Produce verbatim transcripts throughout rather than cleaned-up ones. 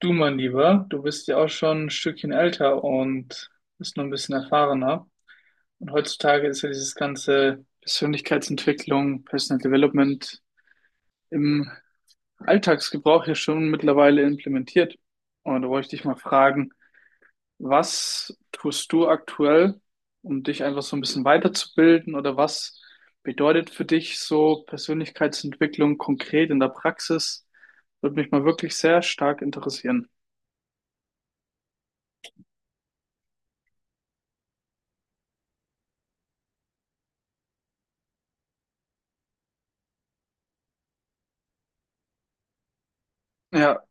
Du, mein Lieber, du bist ja auch schon ein Stückchen älter und bist noch ein bisschen erfahrener. Und heutzutage ist ja dieses ganze Persönlichkeitsentwicklung, Personal Development im Alltagsgebrauch ja schon mittlerweile implementiert. Und da wollte ich dich mal fragen, was tust du aktuell, um dich einfach so ein bisschen weiterzubilden, oder was bedeutet für dich so Persönlichkeitsentwicklung konkret in der Praxis? Würde mich mal wirklich sehr stark interessieren. Ja,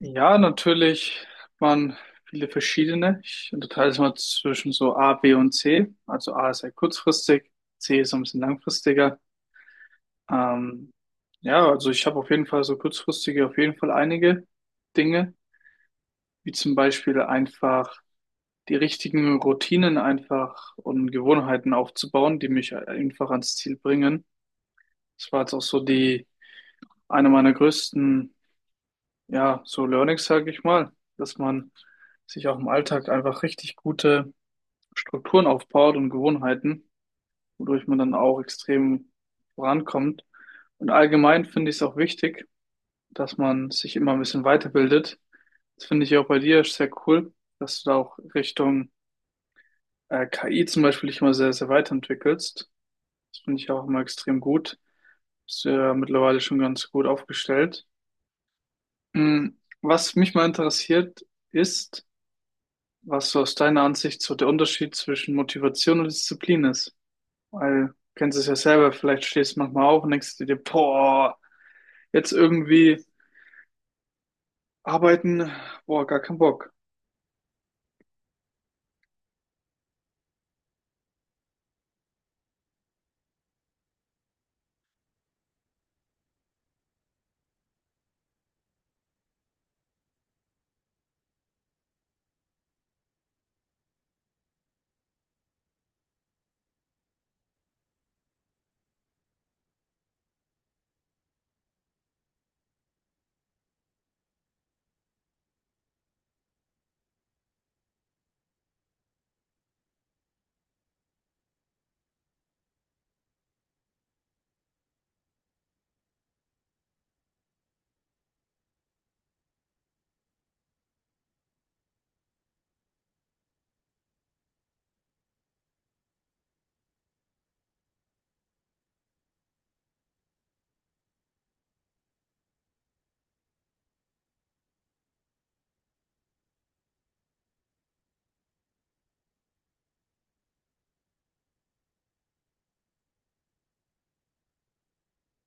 Ja, natürlich hat man viele verschiedene. Ich unterteile es mal zwischen so A, B und C. Also A ist sehr kurzfristig, C ist so ein bisschen langfristiger. Ähm, ja, also ich habe auf jeden Fall so kurzfristige, auf jeden Fall einige Dinge, wie zum Beispiel einfach die richtigen Routinen einfach und Gewohnheiten aufzubauen, die mich einfach ans Ziel bringen. Das war jetzt auch so die eine meiner größten, ja, so Learnings, sage ich mal, dass man sich auch im Alltag einfach richtig gute Strukturen aufbaut und Gewohnheiten, wodurch man dann auch extrem vorankommt. Und allgemein finde ich es auch wichtig, dass man sich immer ein bisschen weiterbildet. Das finde ich auch bei dir sehr cool, dass du da auch Richtung äh, K I zum Beispiel dich immer sehr, sehr weiterentwickelst. Das finde ich auch immer extrem gut. Bist du ja mittlerweile schon ganz gut aufgestellt. Mm, Was mich mal interessiert, ist, was so aus deiner Ansicht so der Unterschied zwischen Motivation und Disziplin ist. Weil, du kennst es ja selber, vielleicht stehst du manchmal auf und denkst du dir, boah, jetzt irgendwie arbeiten, boah, gar keinen Bock.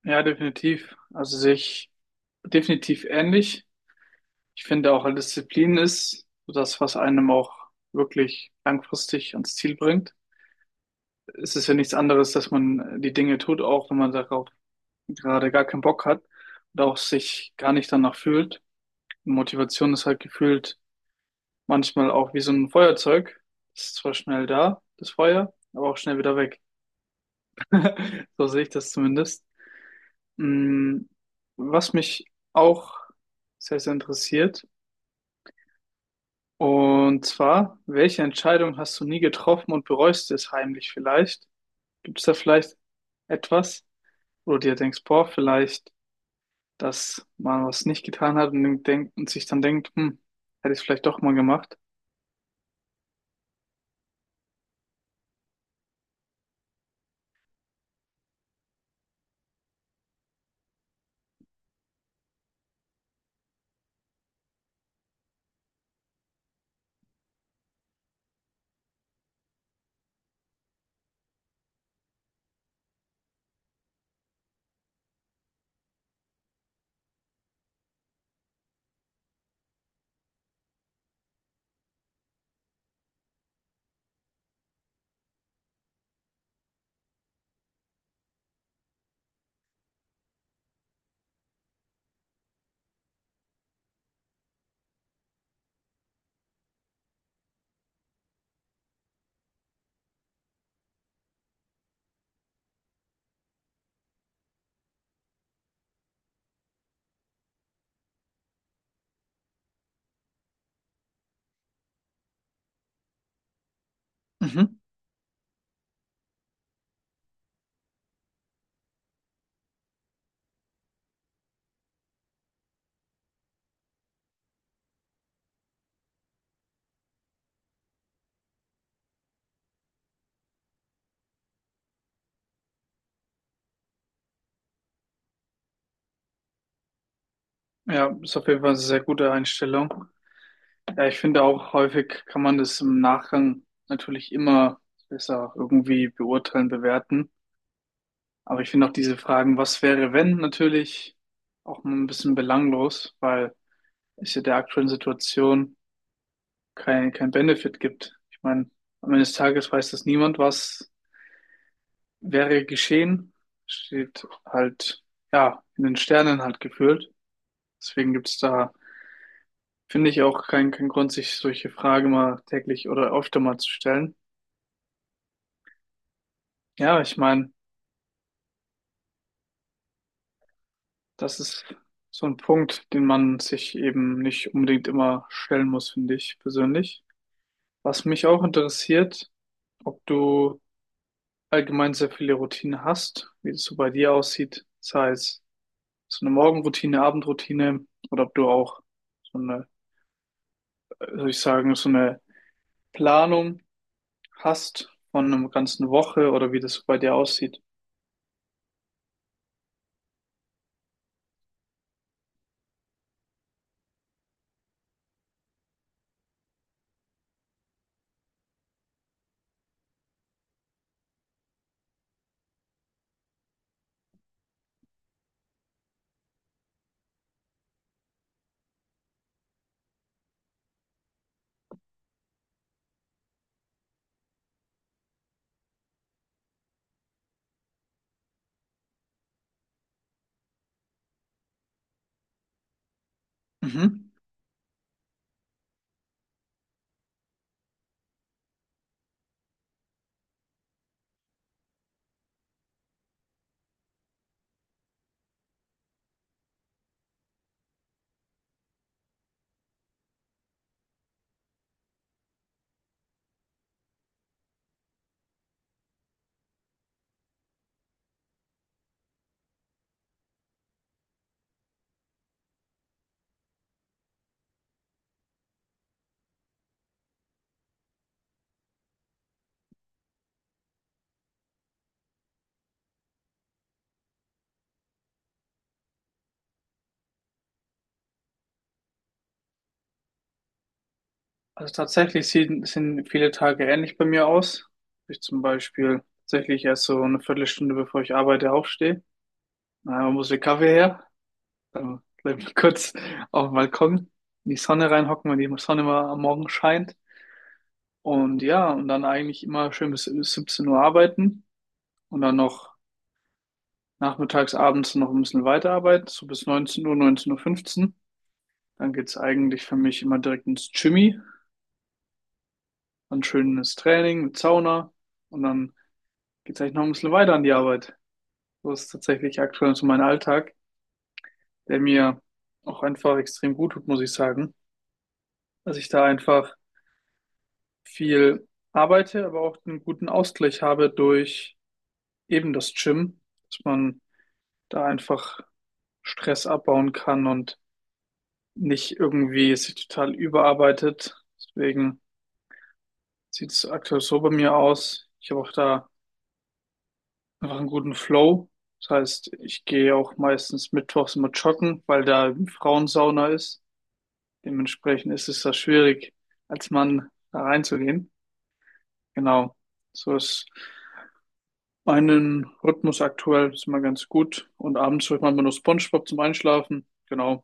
Ja, definitiv. Also sich definitiv ähnlich. Ich finde auch, Disziplin ist so das, was einem auch wirklich langfristig ans Ziel bringt. Es ist ja nichts anderes, dass man die Dinge tut, auch wenn man darauf gerade gar keinen Bock hat und auch sich gar nicht danach fühlt. Motivation ist halt gefühlt manchmal auch wie so ein Feuerzeug. Das ist zwar schnell da, das Feuer, aber auch schnell wieder weg. So sehe ich das zumindest. Mm, Was mich auch sehr, sehr interessiert, und zwar, welche Entscheidung hast du nie getroffen und bereust es heimlich vielleicht? Gibt es da vielleicht etwas, wo du dir denkst, boah, vielleicht, dass man was nicht getan hat und denkt, und sich dann denkt, hm, hätte ich es vielleicht doch mal gemacht? Mhm. Ja, ist auf jeden Fall eine sehr gute Einstellung. Ja, ich finde auch, häufig kann man das im Nachgang natürlich immer besser irgendwie beurteilen, bewerten. Aber ich finde auch diese Fragen, was wäre, wenn, natürlich auch mal ein bisschen belanglos, weil es ja der aktuellen Situation kein, kein Benefit gibt. Ich meine, am Ende des Tages weiß das niemand, was wäre geschehen. Steht halt, ja, in den Sternen halt gefühlt. Deswegen gibt's da Finde ich auch keinen keinen Grund, sich solche Fragen mal täglich oder öfter mal zu stellen. Ja, ich meine, das ist so ein Punkt, den man sich eben nicht unbedingt immer stellen muss, finde ich persönlich. Was mich auch interessiert, ob du allgemein sehr viele Routinen hast, wie es so bei dir aussieht, sei es so eine Morgenroutine, Abendroutine oder ob du auch so eine, äh, soll ich sagen, so eine Planung hast von einer ganzen Woche oder wie das so bei dir aussieht. Mhm. Also tatsächlich sehen, sehen viele Tage ähnlich bei mir aus. Ich zum Beispiel tatsächlich erst so eine Viertelstunde, bevor ich arbeite, aufstehe. Äh, muss der Kaffee her. Dann bleibe ich kurz auf dem Balkon in die Sonne reinhocken, wenn die Sonne mal am Morgen scheint. Und ja, und dann eigentlich immer schön bis 17 Uhr arbeiten und dann noch nachmittags, abends noch ein bisschen weiterarbeiten, so bis 19 Uhr, neunzehn Uhr fünfzehn. fünfzehn. Dann geht's eigentlich für mich immer direkt ins Gymi, dann schönes Training mit Sauna und dann geht's eigentlich noch ein bisschen weiter an die Arbeit. So ist tatsächlich aktuell so mein Alltag, der mir auch einfach extrem gut tut, muss ich sagen. Dass ich da einfach viel arbeite, aber auch einen guten Ausgleich habe durch eben das Gym, dass man da einfach Stress abbauen kann und nicht irgendwie sich total überarbeitet. Deswegen sieht's aktuell so bei mir aus. Ich habe auch da einfach einen guten Flow. Das heißt, ich gehe auch meistens mittwochs immer joggen, weil da eben Frauensauna ist. Dementsprechend ist es da schwierig, als Mann da reinzugehen. Genau. So ist mein Rhythmus aktuell ist immer ganz gut. Und abends hört man immer nur SpongeBob zum Einschlafen. Genau.